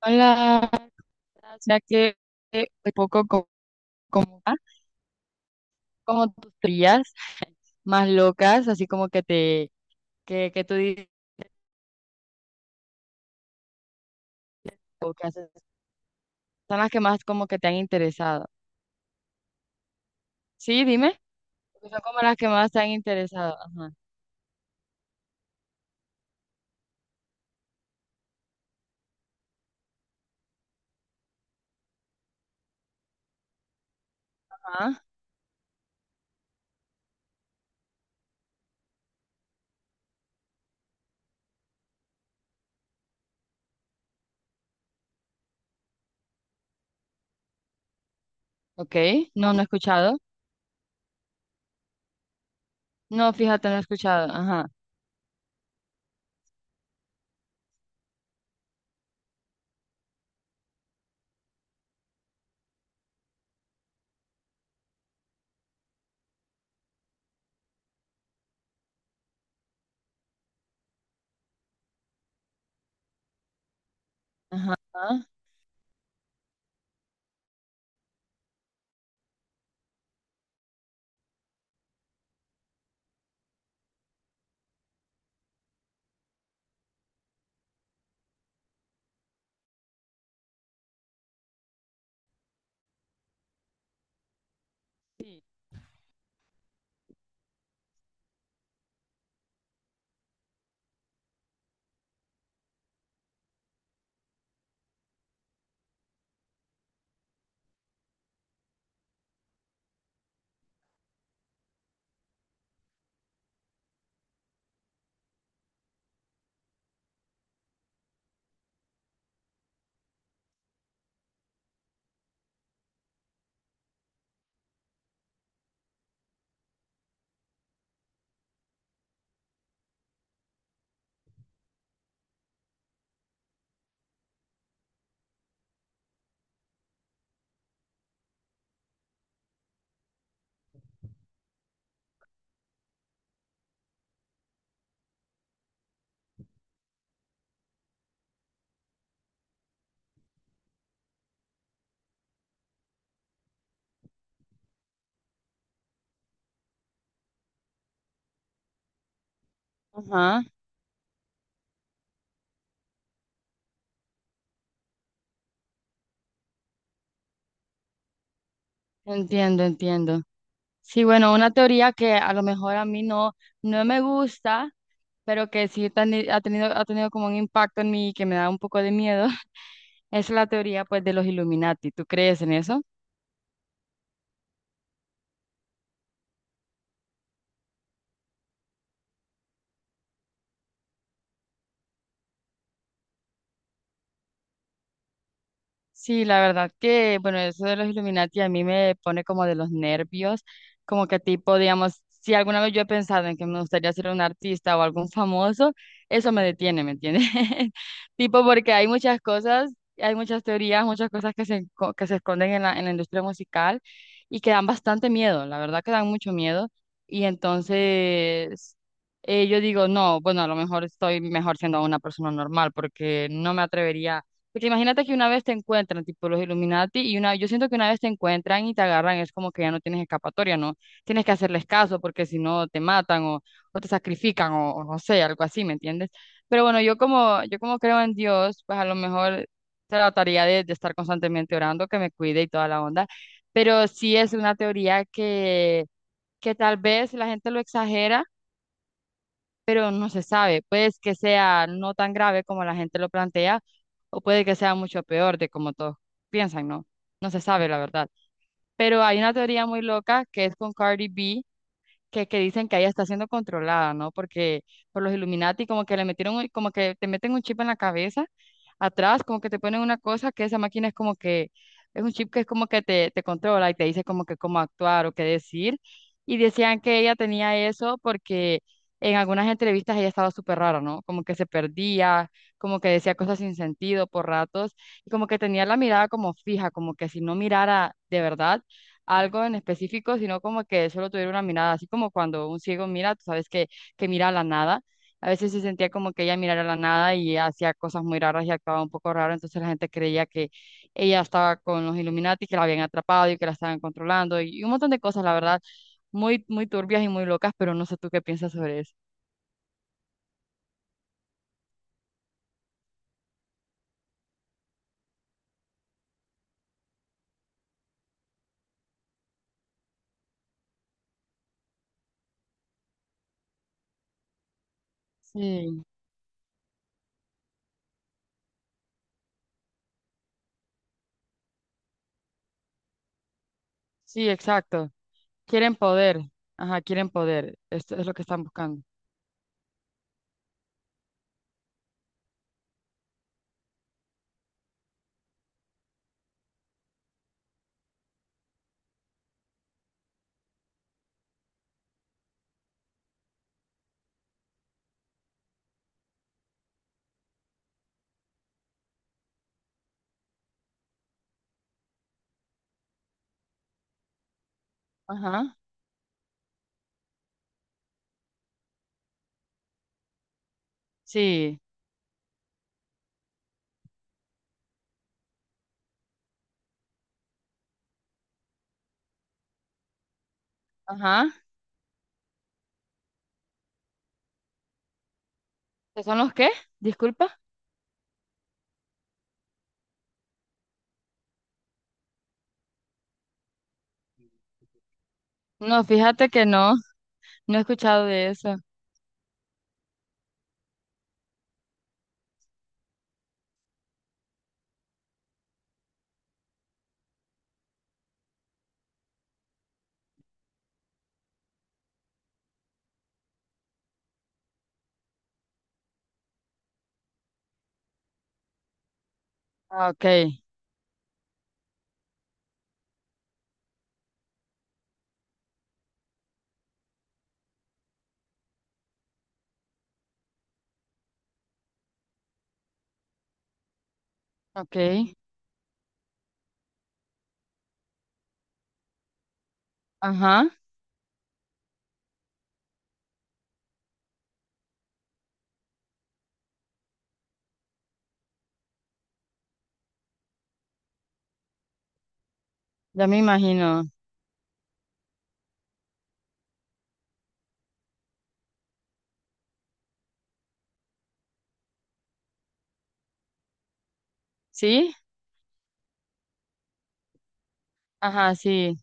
Hola, ya que un poco como, ah, como tus teorías más locas, así como que te, que, tú dices, o que haces, son las que más como que te han interesado. Sí, dime, porque son como las que más te han interesado. Ajá. Ah, ok, no he escuchado. No, fíjate, no he escuchado. Ajá, ajá, ah, sí, ajá, entiendo, entiendo. Sí, bueno, una teoría que a lo mejor a mí no, no me gusta pero que sí ha tenido como un impacto en mí que me da un poco de miedo, es la teoría pues de los Illuminati. ¿Tú crees en eso? Sí, la verdad que, bueno, eso de los Illuminati a mí me pone como de los nervios, como que tipo, digamos, si alguna vez yo he pensado en que me gustaría ser un artista o algún famoso, eso me detiene, ¿me entiendes? Tipo, porque hay muchas cosas, hay muchas teorías, muchas cosas que que se esconden en la industria musical y que dan bastante miedo, la verdad que dan mucho miedo. Y entonces, yo digo, no, bueno, a lo mejor estoy mejor siendo una persona normal porque no me atrevería porque imagínate que una vez te encuentran, tipo los Illuminati, y una, yo siento que una vez te encuentran y te agarran, es como que ya no tienes escapatoria, ¿no? Tienes que hacerles caso porque si no te matan o te sacrifican o no sé, algo así, ¿me entiendes? Pero bueno, yo como creo en Dios, pues a lo mejor trataría de estar constantemente orando, que me cuide y toda la onda, pero sí es una teoría que tal vez la gente lo exagera pero no se sabe. Puede que sea no tan grave como la gente lo plantea, o puede que sea mucho peor de como todos piensan, ¿no? No se sabe la verdad. Pero hay una teoría muy loca que es con Cardi B, que dicen que ella está siendo controlada, ¿no? Porque por los Illuminati como que le metieron, como que te meten un chip en la cabeza, atrás como que te ponen una cosa que esa máquina es como que, es un chip que es como que te controla y te dice como que cómo actuar o qué decir. Y decían que ella tenía eso porque en algunas entrevistas ella estaba súper rara, ¿no? Como que se perdía, como que decía cosas sin sentido por ratos y como que tenía la mirada como fija, como que si no mirara de verdad algo en específico, sino como que solo tuviera una mirada, así como cuando un ciego mira, tú sabes que mira a la nada. A veces se sentía como que ella mirara a la nada y hacía cosas muy raras y actuaba un poco raro, entonces la gente creía que ella estaba con los Illuminati, que la habían atrapado y que la estaban controlando y un montón de cosas, la verdad, muy, muy turbias y muy locas, pero no sé tú qué piensas sobre eso. Sí, sí, exacto. Quieren poder, ajá, quieren poder, esto es lo que están buscando. Ajá, sí, ajá. ¿Qué son los qué? Disculpa. No, fíjate que no, no he escuchado de eso. Ah, ok, ok, ajá, ya me imagino. ¿Sí? Ajá, sí,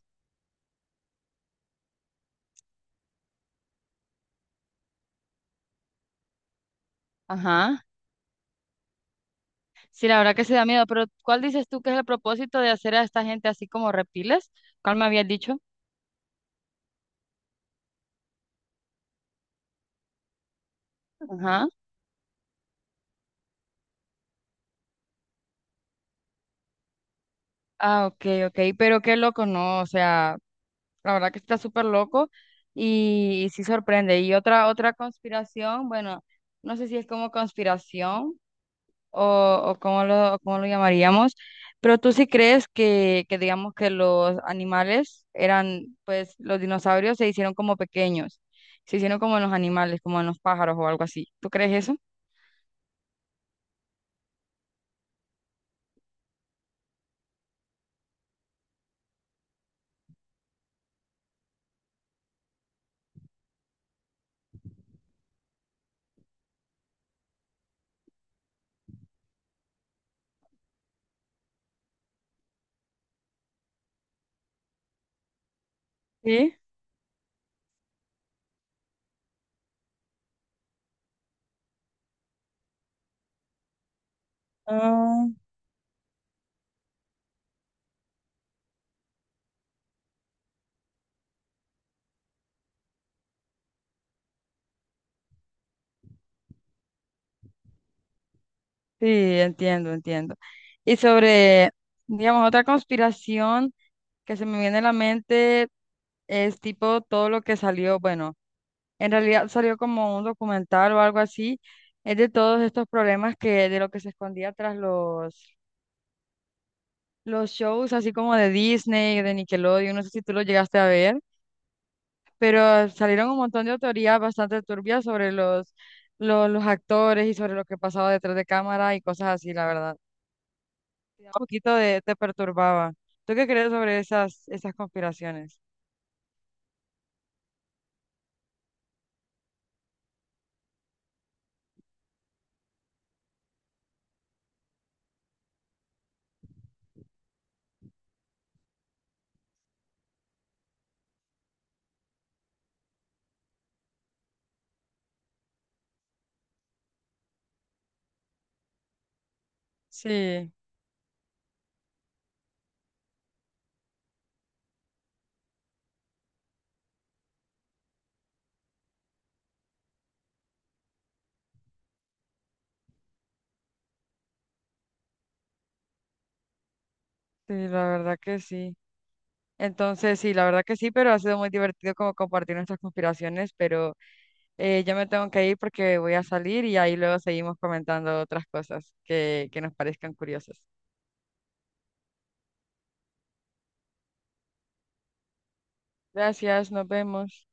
ajá. Sí, la verdad que se da miedo, pero ¿cuál dices tú que es el propósito de hacer a esta gente así como reptiles? ¿Cuál me habías dicho? Ajá. Ah, ok, ok, pero qué loco, ¿no? O sea, la verdad que está súper loco y sí sorprende. Y otra, otra conspiración, bueno, no sé si es como conspiración, o cómo o cómo lo llamaríamos, pero tú sí crees que digamos que los animales eran, pues los dinosaurios se hicieron como pequeños, se hicieron como en los animales, como en los pájaros o algo así. ¿Tú crees eso? Sí. Ah, sí, entiendo, entiendo. Y sobre, digamos, otra conspiración que se me viene a la mente es tipo todo lo que salió, bueno. En realidad salió como un documental o algo así, es de todos estos problemas que de lo que se escondía tras los shows, así como de Disney, de Nickelodeon, no sé si tú lo llegaste a ver, pero salieron un montón de autorías bastante turbias sobre los actores y sobre lo que pasaba detrás de cámara y cosas así, la verdad. Te da un poquito de, te perturbaba. ¿Tú qué crees sobre esas, esas conspiraciones? Sí, sí, la verdad que sí. Entonces, sí, la verdad que sí, pero ha sido muy divertido como compartir nuestras conspiraciones, pero yo me tengo que ir porque voy a salir y ahí luego seguimos comentando otras cosas que nos parezcan curiosas. Gracias, nos vemos.